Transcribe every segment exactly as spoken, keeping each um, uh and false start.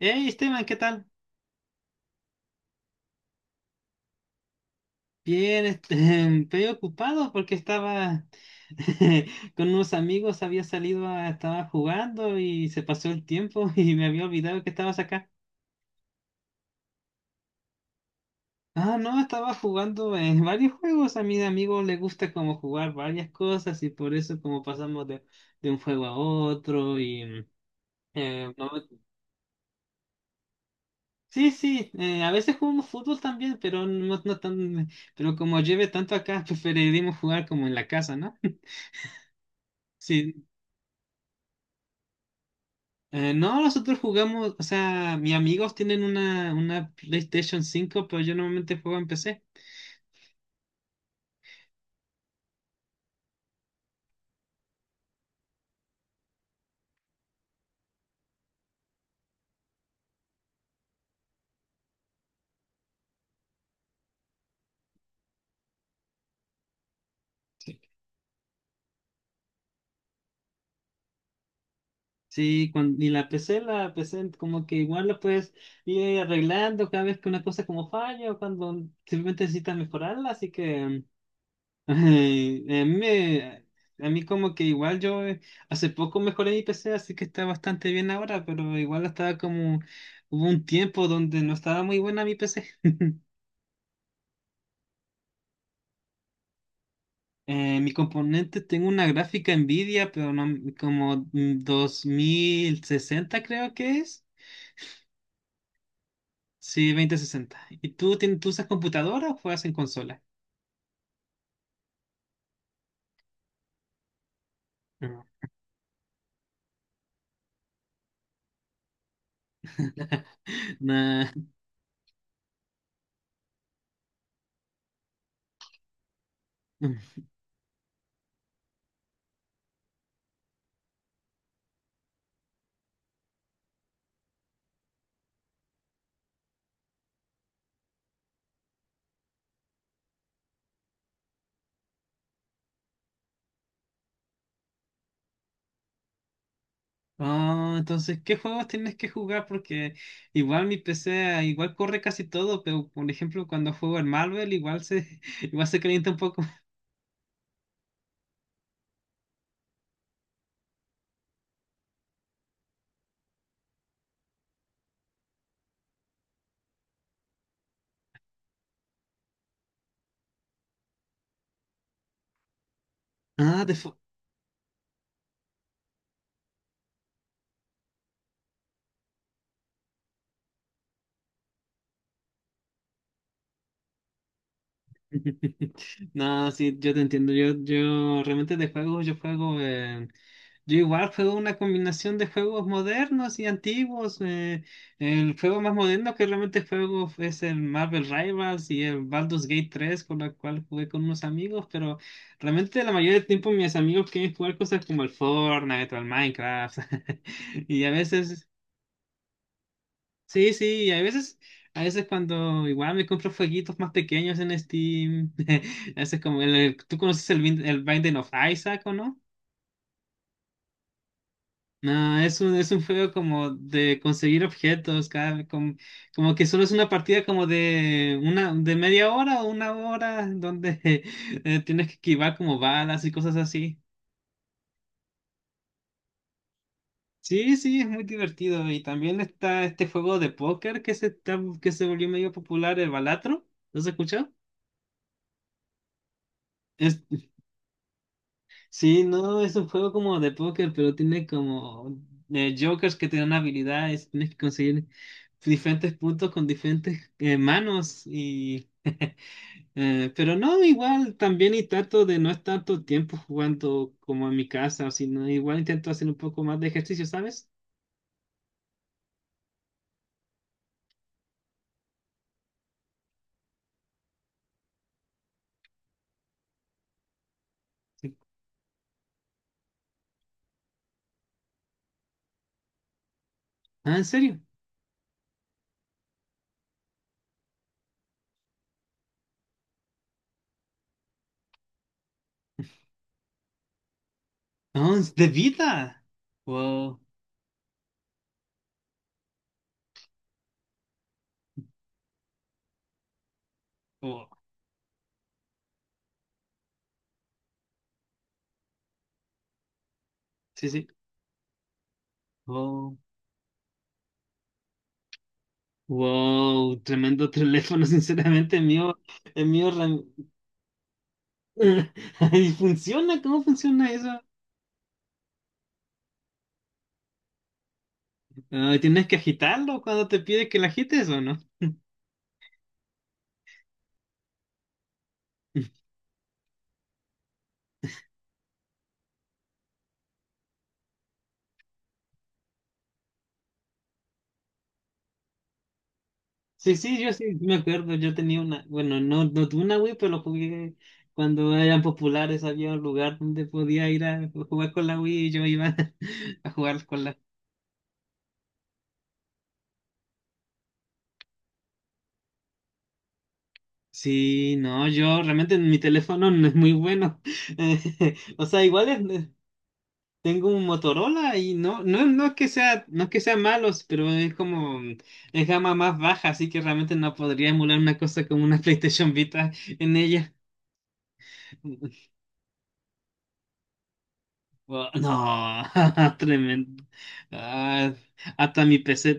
Hey Esteban, ¿qué tal? Bien, este, estoy ocupado porque estaba con unos amigos, había salido a, estaba jugando y se pasó el tiempo y me había olvidado que estabas acá. Ah, no, estaba jugando en varios juegos. A mis amigos les gusta como jugar varias cosas y por eso como pasamos de, de un juego a otro y mm, eh, no- sí, sí, eh, a veces jugamos fútbol también, pero no, no tan, pero como lleve tanto acá, preferiremos jugar como en la casa, ¿no? Sí. Eh, no, nosotros jugamos, o sea, mis amigos tienen una, una PlayStation cinco, pero yo normalmente juego en P C. Sí. Sí, cuan- y la P C, la P C como que igual lo puedes ir arreglando cada vez que una cosa como falla o cuando simplemente necesitas mejorarla, así que eh, a mí, me- a mí como que igual yo eh, hace poco mejoré mi P C, así que está bastante bien ahora, pero igual estaba como, hubo un tiempo donde no estaba muy buena mi P C. Eh, mi componente, tengo una gráfica Nvidia, pero no, como mm, dos mil sesenta creo que es. Sí, dos mil sesenta. ¿Y tú, tien- tú usas computadora o juegas en consola? No. Nah. Ah, entonces, ¿qué juegos tienes que jugar? Porque igual mi P C igual corre casi todo, pero por ejemplo cuando juego en Marvel igual se igual se calienta un poco. Ah, no, sí, yo te entiendo. Yo, yo realmente de juegos, yo juego. Eh, yo igual juego una combinación de juegos modernos y antiguos. Eh, el juego más moderno que realmente juego es el Marvel Rivals y el Baldur's Gate tres, con la cual jugué con unos amigos. Pero realmente la mayoría del tiempo mis amigos quieren jugar cosas como el Fortnite o el Minecraft. Y a veces. Sí, sí, y a veces, a veces cuando igual me compro jueguitos más pequeños en Steam, ese es como el, el- tú conoces el, Bind- el Binding of Isaac, ¿o no? No, es un, es un juego como de conseguir objetos, cada, como, como que solo es una partida como de una, de media hora o una hora, donde eh, tienes que esquivar como balas y cosas así. Sí, sí, es muy divertido. Y también está este juego de póker que se, está- que se volvió medio popular, el Balatro. ¿Lo has escuchado? Es- Sí, no, es un juego como de póker, pero tiene como eh, jokers que te dan habilidades, tienes que conseguir diferentes puntos con diferentes eh, manos y eh, pero no, igual también y trato de no estar tanto tiempo jugando como en mi casa, sino igual intento hacer un poco más de ejercicio, ¿sabes? Sí. Ah, ¿en serio? Oh, es de vida. Wow, wow, sí, sí, wow, wow, tremendo teléfono, sinceramente, el mío, el mío. ram- ¿Y funciona? ¿Cómo funciona eso? Ah, ¿tienes que agitarlo cuando te pide que lo agites o no? Sí, sí, yo sí me acuerdo. Yo tenía una, bueno, no, no tuve una Wii, pero lo jugué cuando eran populares. Había un lugar donde podía ir a jugar con la Wii y yo iba a jugar con la. Sí, no, yo realmente mi teléfono no es muy bueno. O sea, igual es. Tengo un Motorola y no, no, no es que sea, no es que sean malos, pero es como, mm, es gama más baja, así que realmente no podría emular una cosa como una PlayStation Vita en ella. Oh, no, tremendo. Ah, hasta mi P C.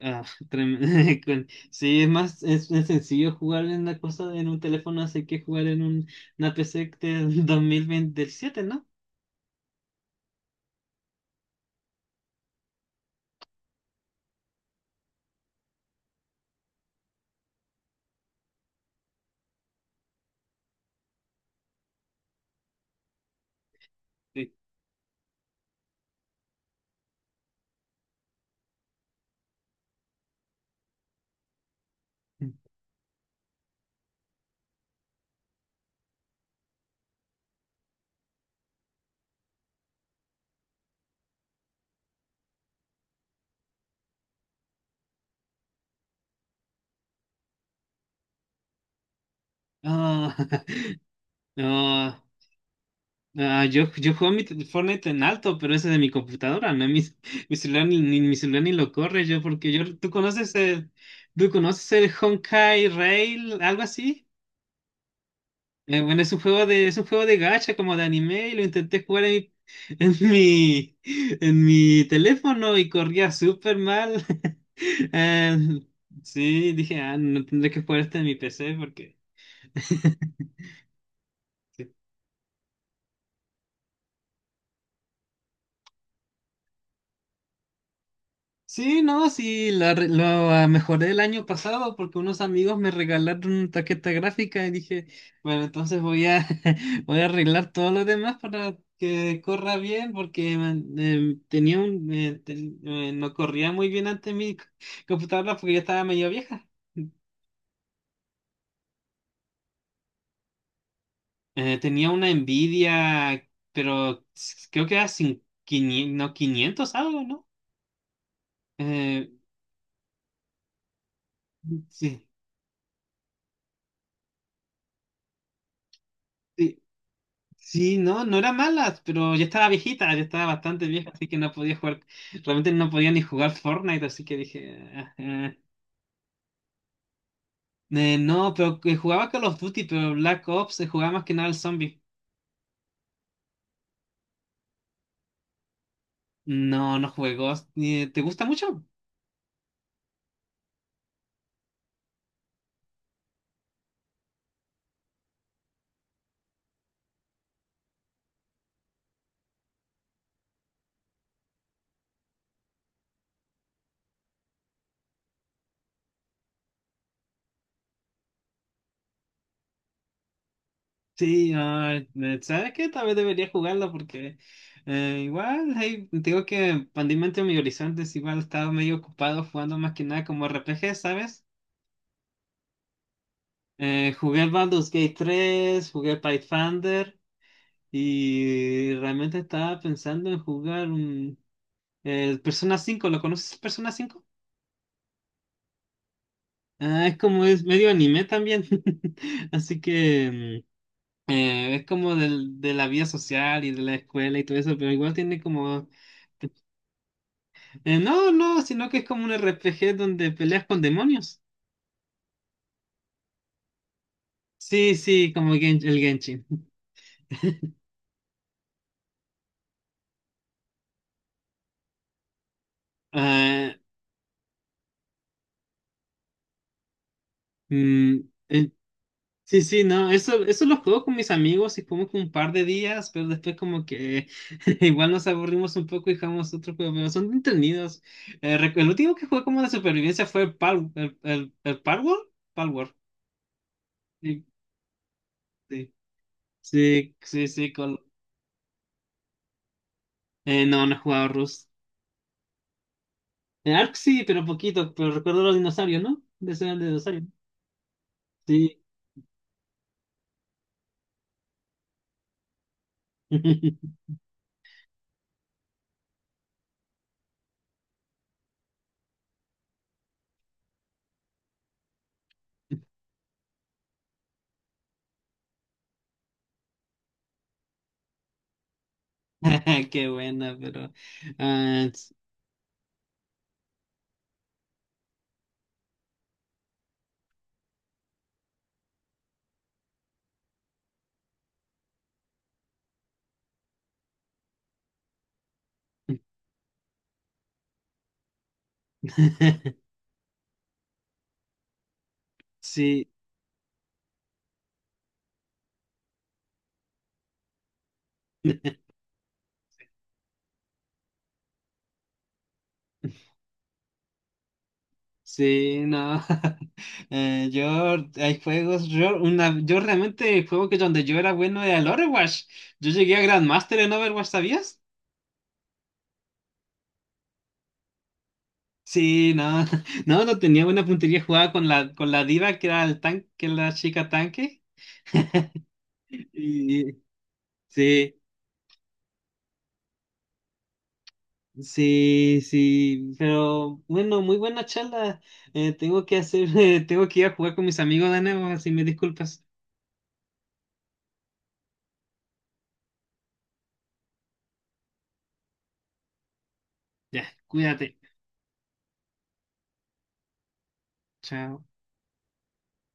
Ah, trem- con- sí, es más, es, es sencillo jugar en una cosa en un teléfono, así que jugar en un, una P C del dos mil veintisiete, ¿no? Sí. Ah, no. Ah, yo, yo juego mi Fortnite en alto, pero ese de mi computadora, no mi, mi celular ni, ni- mi celular ni lo corre yo, porque yo, ¿tú conoces el, tú conoces el Honkai Rail, algo así? Eh, bueno, es un juego de, es un juego de gacha como de anime y lo intenté jugar en mi, en mi, en mi teléfono y corría súper mal. Eh, sí, dije, ah, no tendré que jugar este en mi P C porque. Sí, no, sí, la, re- la mejoré el año pasado porque unos amigos me regalaron una tarjeta gráfica y dije, bueno, entonces voy a, voy a arreglar todo lo demás para que corra bien, porque man, eh, tenía un, eh, ten- eh, no corría muy bien antes mi c- computadora porque ya estaba medio vieja. Eh, tenía una Nvidia, pero s- creo que era sin, quinientos, no, quinientos algo, ¿no? Eh, sí. Sí. Sí, no, no era mala, pero ya estaba viejita, ya estaba bastante vieja, así que no podía jugar, realmente no podía ni jugar Fortnite, así que dije, "Ah, ah". Eh, no, pero que jugaba Call of Duty, pero Black Ops se jugaba más que nada al zombie. No, no jugué Ghost. Eh, ¿Te gusta mucho? Sí, ah, eh, ¿sabes qué? Tal vez debería jugarlo porque eh, igual, hey, tengo que expandir mi mente, mis horizontes, igual estaba medio ocupado jugando más que nada como R P G, ¿sabes? Eh, jugué el Baldur's Gate tres, jugué Pathfinder. Y realmente estaba pensando en jugar un eh, Persona cinco. ¿Lo conoces Persona cinco? Ah, es como es medio anime también. Así que mm, eh, es como del, de la vida social y de la escuela y todo eso, pero igual tiene como eh, no, no, sino que es como un R P G donde peleas con demonios. Sí, sí, como Gen- el Genshin. Ah, mm, el- sí, sí, no, eso, eso lo juego con mis amigos y como que un par de días, pero después como que igual nos aburrimos un poco y jugamos otro juego, pero son entretenidos. Eh, recu- el último que jugué como de supervivencia fue el Pal, el, el, el Palworld, Palworld. Sí, sí, sí, sí, sí, con- eh, no, no he jugado Rust. En Ark sí, pero poquito, pero recuerdo los dinosaurios, ¿no? De ser el dinosaurio, sí. Qué buena, pero... ah, sí. Sí, no. Eh, yo, hay juegos, yo, una, yo realmente el juego que donde yo era bueno era el Overwatch. Yo llegué a Grandmaster en Overwatch, ¿sabías? Sí, no, no, no tenía buena puntería jugada con la, con la diva que era el tanque, que era la chica tanque. Y, sí, sí, sí, pero bueno, muy buena charla. Eh, tengo que hacer, tengo que ir a jugar con mis amigos de nuevo, así me disculpas. Ya, cuídate. Chao.